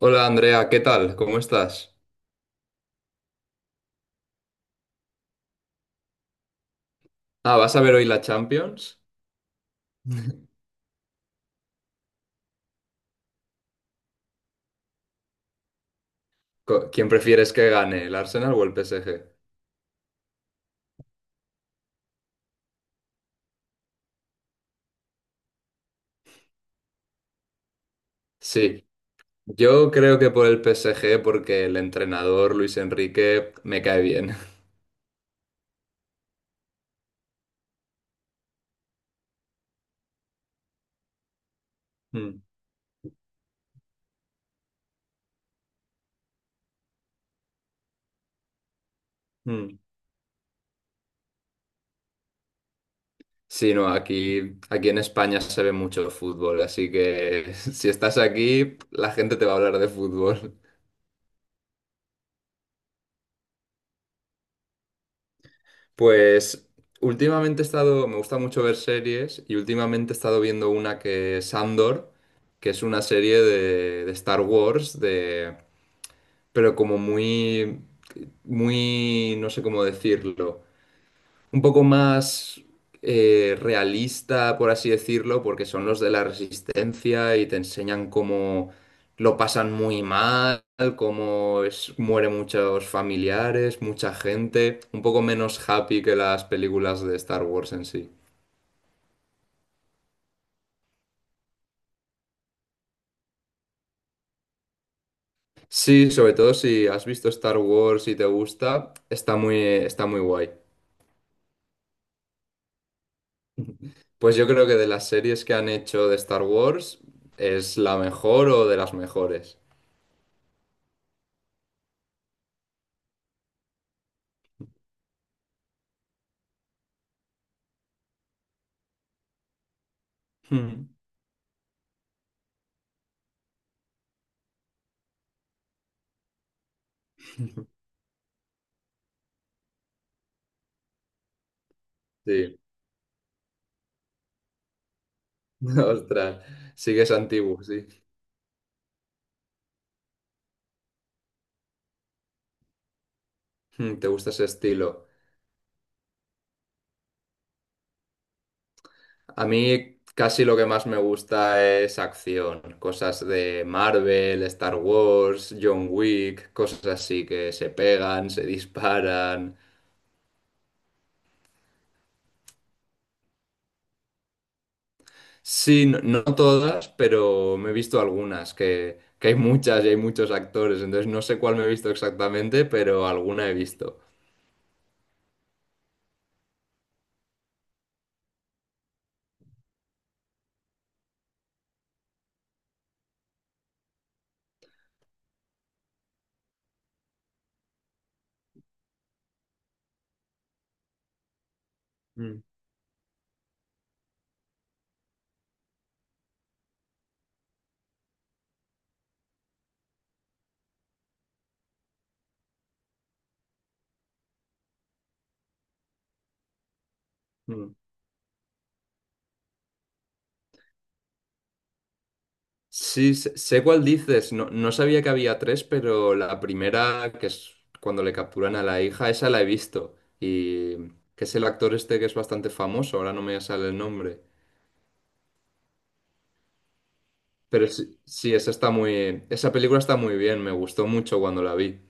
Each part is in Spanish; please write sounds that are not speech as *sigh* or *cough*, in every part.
Hola Andrea, ¿qué tal? ¿Cómo estás? Ah, ¿vas a ver hoy la Champions? *laughs* ¿Quién prefieres que gane, el Arsenal o el PSG? Sí, yo creo que por el PSG porque el entrenador Luis Enrique me cae bien. *laughs* Mm, mm. Sí, no, aquí en España se ve mucho fútbol, así que *laughs* si estás aquí, la gente te va a hablar de fútbol. Pues últimamente he estado, me gusta mucho ver series y últimamente he estado viendo una que es Andor, que es una serie de Star Wars, de, pero como muy, no sé cómo decirlo un poco más realista, por así decirlo, porque son los de la resistencia y te enseñan cómo lo pasan muy mal, cómo es, mueren muchos familiares, mucha gente, un poco menos happy que las películas de Star Wars en sí. Sí, sobre todo si has visto Star Wars y te gusta, está muy guay. Pues yo creo que de las series que han hecho de Star Wars es la mejor o de las mejores. Hmm. *laughs* Sí. *laughs* Ostras, sí que es antiguo, sí. Mm, ¿te gusta ese estilo? A mí casi lo que más me gusta es acción, cosas de Marvel, Star Wars, John Wick, cosas así que se pegan, se disparan. Sí, no, no todas, pero me he visto algunas, que hay muchas y hay muchos actores, entonces no sé cuál me he visto exactamente, pero alguna he visto. Mm. Mm. Sí, sé cuál dices. No, no sabía que había tres, pero la primera, que es cuando le capturan a la hija, esa la he visto. Y que es el actor este que es bastante famoso, ahora no me sale el nombre. Pero sí, sí, esa película está muy bien, me gustó mucho cuando la vi.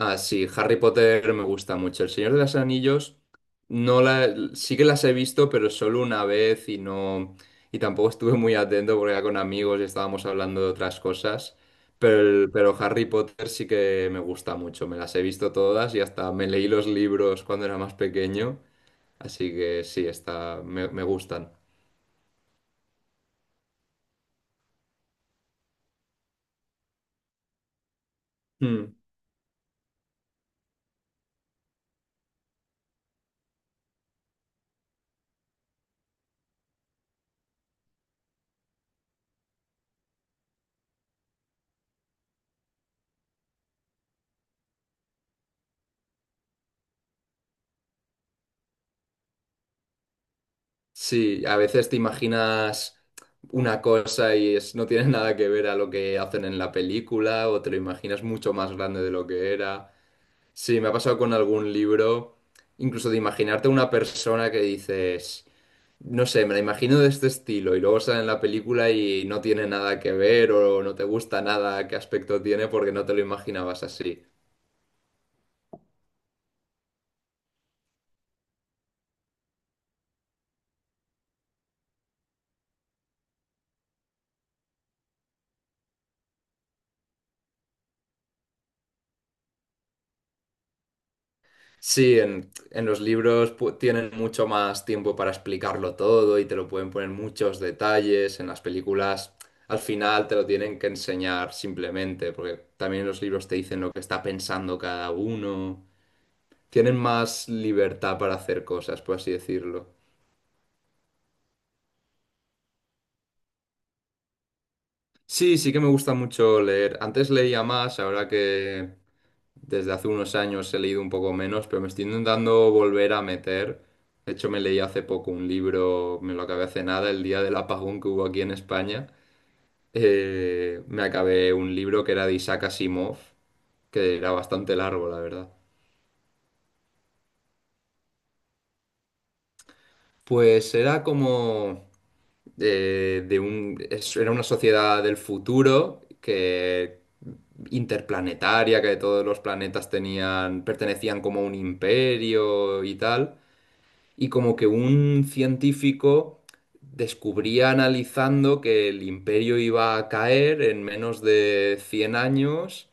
Ah, sí, Harry Potter me gusta mucho. El Señor de los Anillos no la, sí que las he visto, pero solo una vez y no y tampoco estuve muy atento porque era con amigos y estábamos hablando de otras cosas. Pero, pero Harry Potter sí que me gusta mucho. Me las he visto todas y hasta me leí los libros cuando era más pequeño. Así que sí, me gustan. Hmm. Sí, a veces te imaginas una cosa y es, no tiene *laughs* nada que ver a lo que hacen en la película o te lo imaginas mucho más grande de lo que era. Sí, me ha pasado con algún libro, incluso de imaginarte una persona que dices, no sé, me la imagino de este estilo y luego sale en la película y no tiene nada que ver o no te gusta nada qué aspecto tiene porque no te lo imaginabas así. Sí, en los libros tienen mucho más tiempo para explicarlo todo y te lo pueden poner muchos detalles. En las películas al final te lo tienen que enseñar simplemente, porque también los libros te dicen lo que está pensando cada uno. Tienen más libertad para hacer cosas, por así decirlo. Sí, sí que me gusta mucho leer. Antes leía más, ahora que Desde hace unos años he leído un poco menos, pero me estoy intentando volver a meter. De hecho, me leí hace poco un libro, me lo acabé hace nada, el día del apagón que hubo aquí en España. Me acabé un libro que era de Isaac Asimov, que era bastante largo, la verdad. Pues era como era una sociedad del futuro que interplanetaria, que todos los planetas tenían, pertenecían como a un imperio y tal. Y como que un científico descubría analizando que el imperio iba a caer en menos de 100 años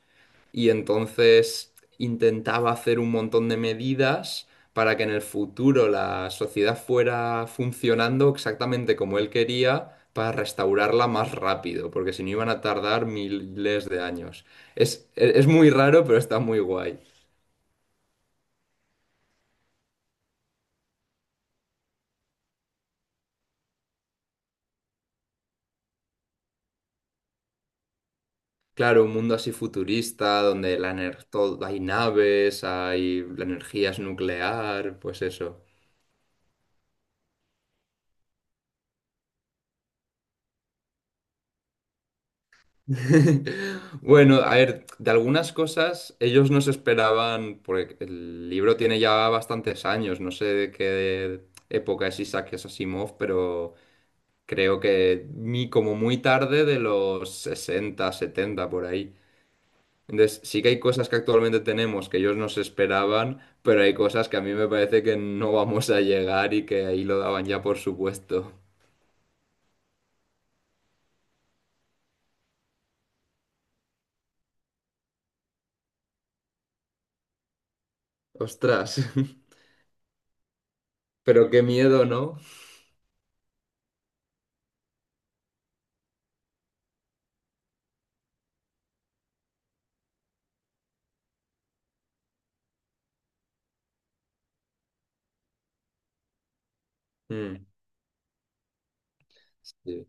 y entonces intentaba hacer un montón de medidas para que en el futuro la sociedad fuera funcionando exactamente como él quería, para restaurarla más rápido, porque si no iban a tardar miles de años. Es es muy raro, pero está muy guay. Claro, un mundo así futurista, donde hay naves, hay la energía es nuclear, pues eso. *laughs* Bueno, a ver, de algunas cosas ellos no se esperaban, porque el libro tiene ya bastantes años, no sé de qué época es Isaac Asimov, pero creo que como muy tarde de los 60, 70 por ahí. Entonces, sí que hay cosas que actualmente tenemos que ellos no se esperaban, pero hay cosas que a mí me parece que no vamos a llegar y que ahí lo daban ya por supuesto. Ostras, *laughs* pero qué miedo, ¿no? Mm, sí.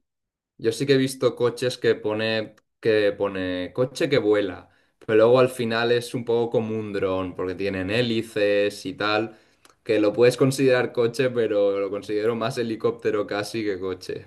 Yo sí que he visto coches que pone, coche que vuela, pero luego al final es un poco como un dron, porque tienen hélices y tal, que lo puedes considerar coche, pero lo considero más helicóptero casi que coche.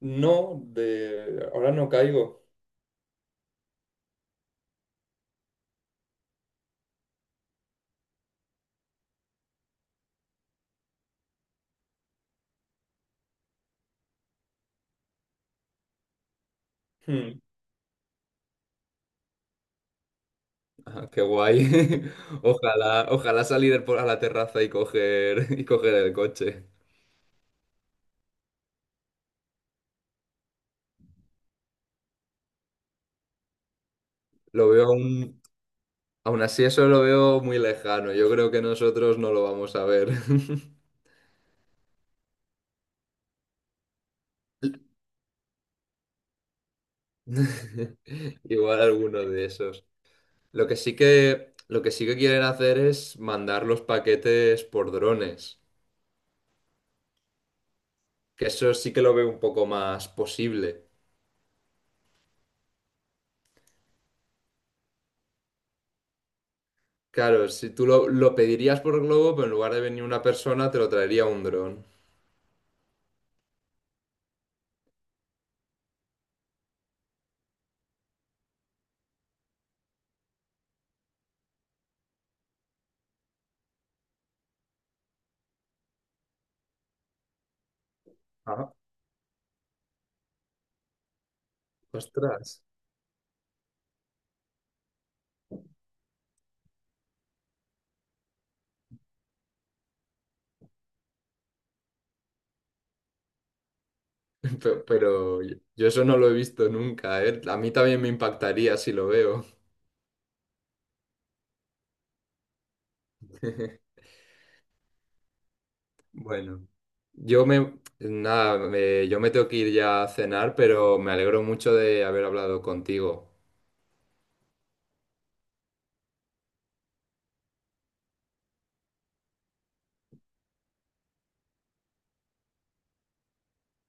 No, de ahora no caigo. Ah, qué guay. *laughs* Ojalá, ojalá a la terraza y coger, *laughs* y coger el coche. Lo veo aún, aún así eso lo veo muy lejano. Yo creo que nosotros no lo vamos a ver. *laughs* Igual alguno de esos. Lo que sí que quieren hacer es mandar los paquetes por drones. Que eso sí que lo veo un poco más posible. Claro, si tú lo pedirías por globo, pero en lugar de venir una persona, te lo traería un dron. Ah, ostras. Pero, yo eso no lo he visto nunca, ¿eh? A mí también me impactaría si lo veo. *laughs* Bueno, nada, yo me tengo que ir ya a cenar, pero me alegro mucho de haber hablado contigo.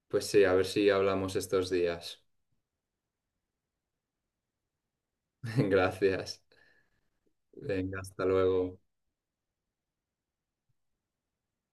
Pues sí, a ver si hablamos estos días. *laughs* Gracias. Venga, hasta luego.